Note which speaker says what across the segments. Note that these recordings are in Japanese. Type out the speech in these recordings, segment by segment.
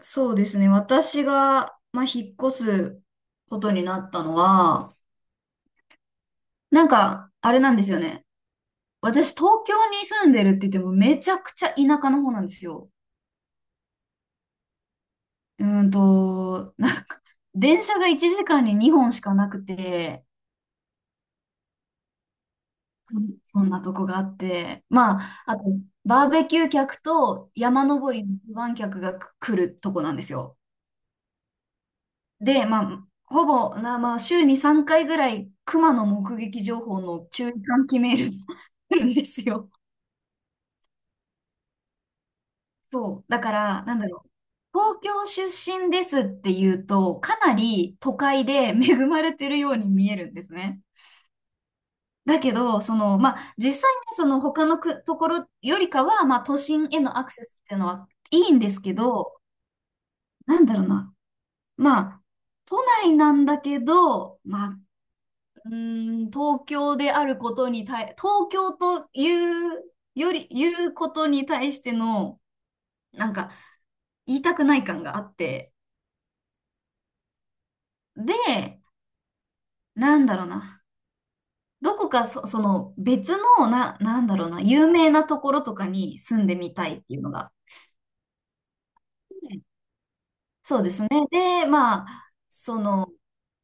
Speaker 1: そうですね。私が、まあ、引っ越すことになったのは、なんか、あれなんですよね。私、東京に住んでるって言っても、めちゃくちゃ田舎の方なんですよ。なんか、電車が1時間に2本しかなくて、そそんなとこがあって、まあ、あと、バーベキュー客と山登りの登山客が来るとこなんですよ。で、まあ、ほぼな、まあ、週に3回ぐらい、熊の目撃情報の注意喚起メールが 来るんですよ。そう。だから、なんだろう。東京出身ですって言うと、かなり都会で恵まれてるように見えるんですね。だけど、その、まあ、実際ね、その他のくところよりかは、まあ、都心へのアクセスっていうのはいいんですけど、なんだろうな。まあ、都内なんだけど、まあ、東京であることに対、東京というより、言うことに対しての、なんか、言いたくない感があって、で、なんだろうな、どこかその別の、なんだろうな、有名なところとかに住んでみたいっていうのが。そうですね。で、まあ、その、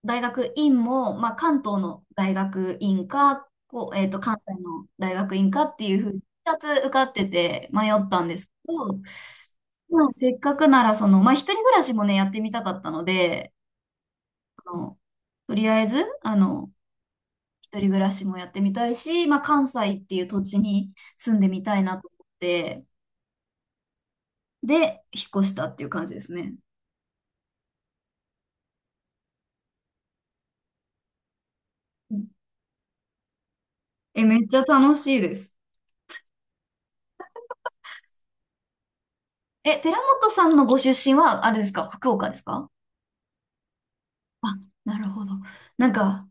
Speaker 1: 大学院も、まあ、関東の大学院か、こう、関西の大学院かっていうふうに、2つ受かってて迷ったんですけど、まあ、せっかくなら、その、まあ、一人暮らしもね、やってみたかったので、あの、とりあえず、あの、一人暮らしもやってみたいし、まあ、関西っていう土地に住んでみたいなと思って、で、引っ越したっていう感じですね。うん。え、めっちゃ楽しいです。え、寺本さんのご出身は、あれですか、福岡ですか？あ、なるほど。なんか、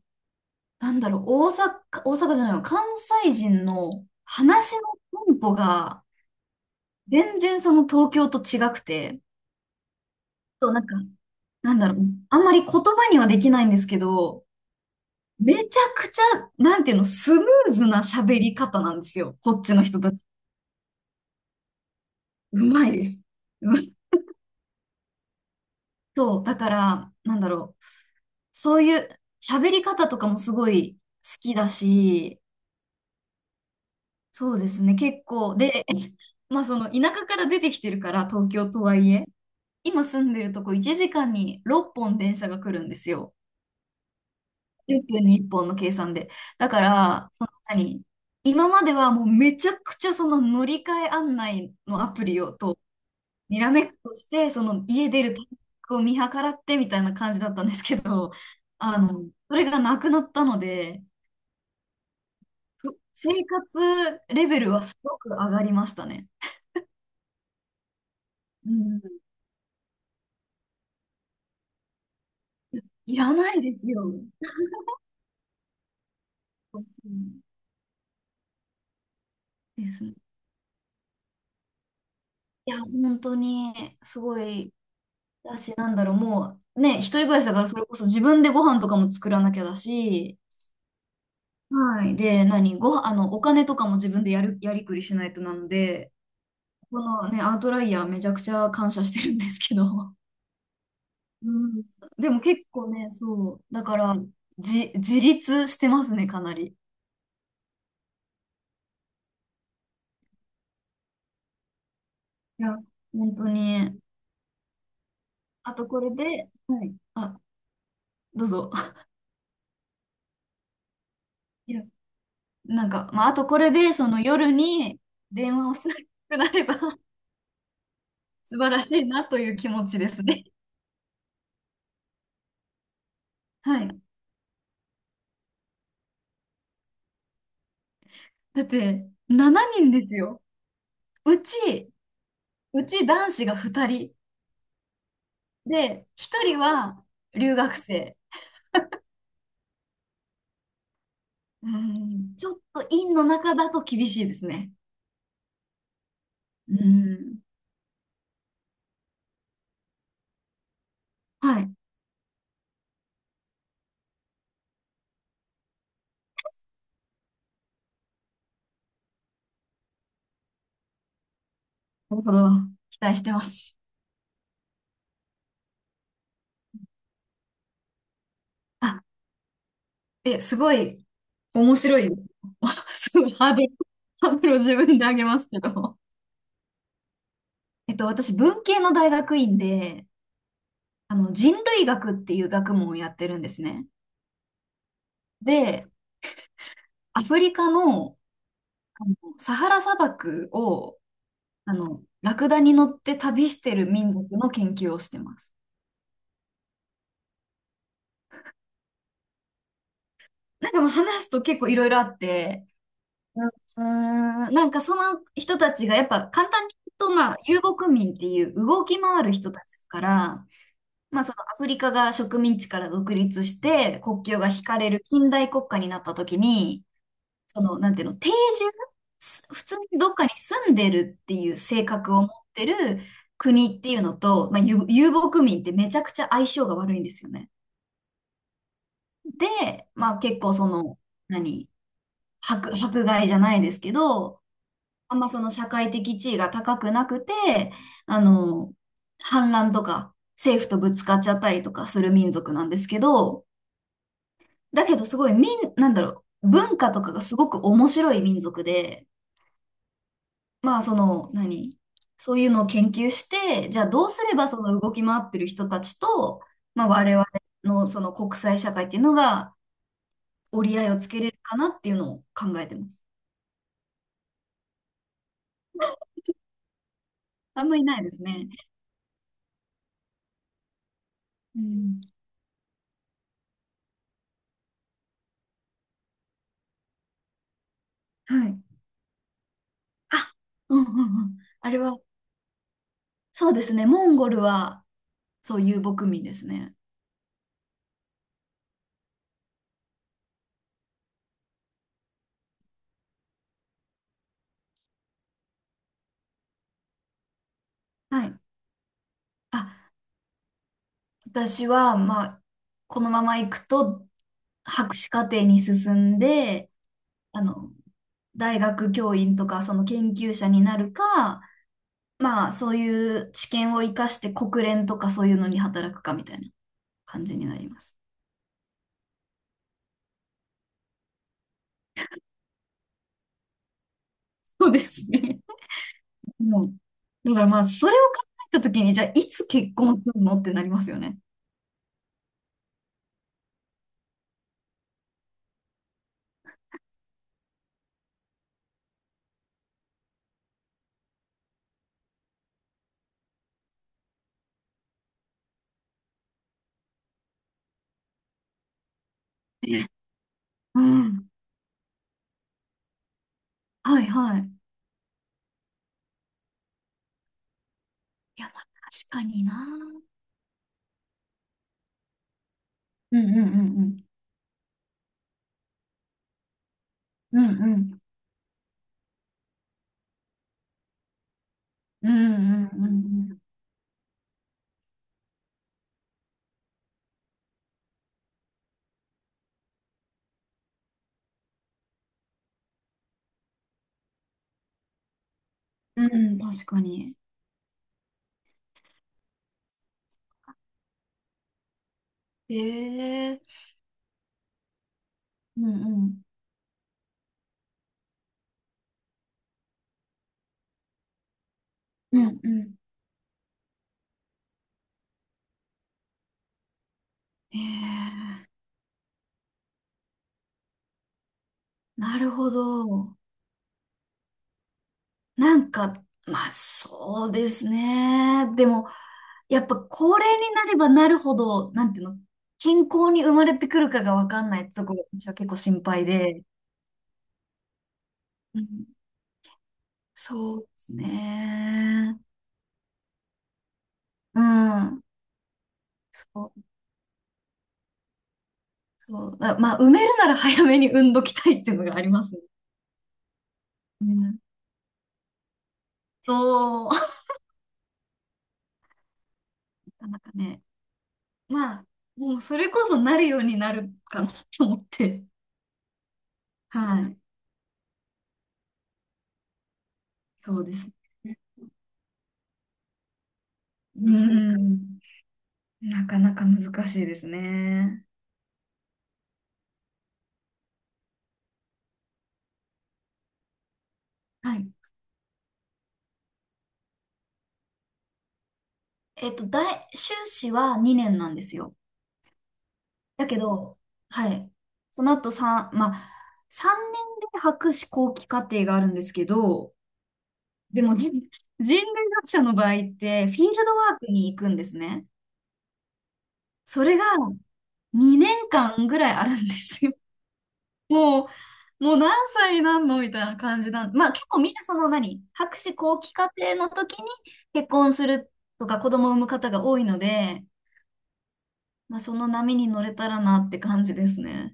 Speaker 1: なんだろう、大阪、大阪じゃないの、関西人の話のテンポが、全然その東京と違くて、そう、なんか、なんだろう、あんまり言葉にはできないんですけど、めちゃくちゃ、なんていうの、スムーズな喋り方なんですよ、こっちの人たち。うまいです。うまい。そう、だから、なんだろう、そういう喋り方とかもすごい好きだし、そうですね、結構。で、まあその田舎から出てきてるから、東京とはいえ、今住んでるとこ1時間に6本電車が来るんですよ。1分に1本の計算で。だから、その今まではもうめちゃくちゃその乗り換え案内のアプリをと、にらめっこして、その家出るタイミングを見計らってみたいな感じだったんですけど、あの、それがなくなったので、生活レベルはすごく上がりましたね。うん。いらないですよ。うん、ですね。いや、本当に、すごい、だし、なんだろう、もう、ね、一人暮らしだから、それこそ自分でご飯とかも作らなきゃだし、はい。で、あの、お金とかも自分でやりくりしないとなので、このね、アウトライヤーめちゃくちゃ感謝してるんですけど。うん。でも結構ね、そう、だから、自立してますね、かなり。いや、本当に。あと、これで、はい。あ、どうぞ。いや、なんか、まあ、あとこれで、その夜に電話をしなくなれば 素晴らしいなという気持ちですね。はい。だって、7人ですよ。うち、うち男子が2人。で、1人は留学生。うん、ちょっと院の中だと厳しいですね。うん。はい。なるほど。期待してます。あ、え、すごい面白いです。すごいハードルを自分で上げますけど。私、文系の大学院で、あの、人類学っていう学問をやってるんですね。で、アフリカの、あのサハラ砂漠を、あの、ラクダに乗って旅してる民族の研究をしてます。なんかもう話すと結構いろいろあって、うんうん、なんかその人たちがやっぱ簡単に言うと、まあ、遊牧民っていう動き回る人たちですから、まあ、そのアフリカが植民地から独立して国境が引かれる近代国家になった時に、その、なんていうの、定住、普通にどっかに住んでるっていう性格を持ってる国っていうのと、まあ、遊牧民ってめちゃくちゃ相性が悪いんですよね。で、まあ結構その、何、迫害じゃないですけど、あんまその社会的地位が高くなくて、あの、反乱とか政府とぶつかっちゃったりとかする民族なんですけど、だけどすごいなんだろう、文化とかがすごく面白い民族で、まあ、その、そういうのを研究して、じゃあどうすればその動き回ってる人たちと、まあ、我々のその国際社会っていうのが折り合いをつけれるかなっていうのを考えてます。あんまりないですね。うん。はい。あ、うんうんうん。あれは、そうですね。モンゴルは、そう遊牧民ですね。はい。あ、私は、まあ、このまま行くと、博士課程に進んで、あの、大学教員とかその研究者になるか、まあそういう知見を生かして国連とかそういうのに働くかみたいな感じになります。そうですね。もう、だからまあそれを考えたときに、じゃあいつ結婚するのってなりますよね。うん。はいはい。いや、まあ確かにな。うんうんうんうん。うんうん。うんうんうんうん。うん、確かに。ええ、うんうん。うんうん。ええ、なるほど。なんか、まあそうですね。でも、やっぱ高齢になればなるほど、なんていうの、健康に生まれてくるかがわかんないってとこが私は結構心配で。うん、そうですね。うん。そう、そう。まあ、埋めるなら早めに産んどきたいっていうのがありますね。うん、そう。なんかね、まあ、もうそれこそなるようになるかなと思って。はい。そうです。うん。なかなか難しいですね。はい。修士は2年なんですよ。だけど、はい。その後3、まあ、年で博士後期課程があるんですけど、でも人類学者の場合って、フィールドワークに行くんですね。それが2年間ぐらいあるんですよ。ももう何歳になんのみたいな感じなん。まあ結構みんなその博士後期課程の時に結婚するとか子供を産む方が多いので、まあその波に乗れたらなって感じですね。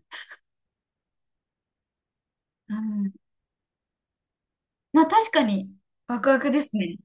Speaker 1: うん。まあ確かにワクワクですね。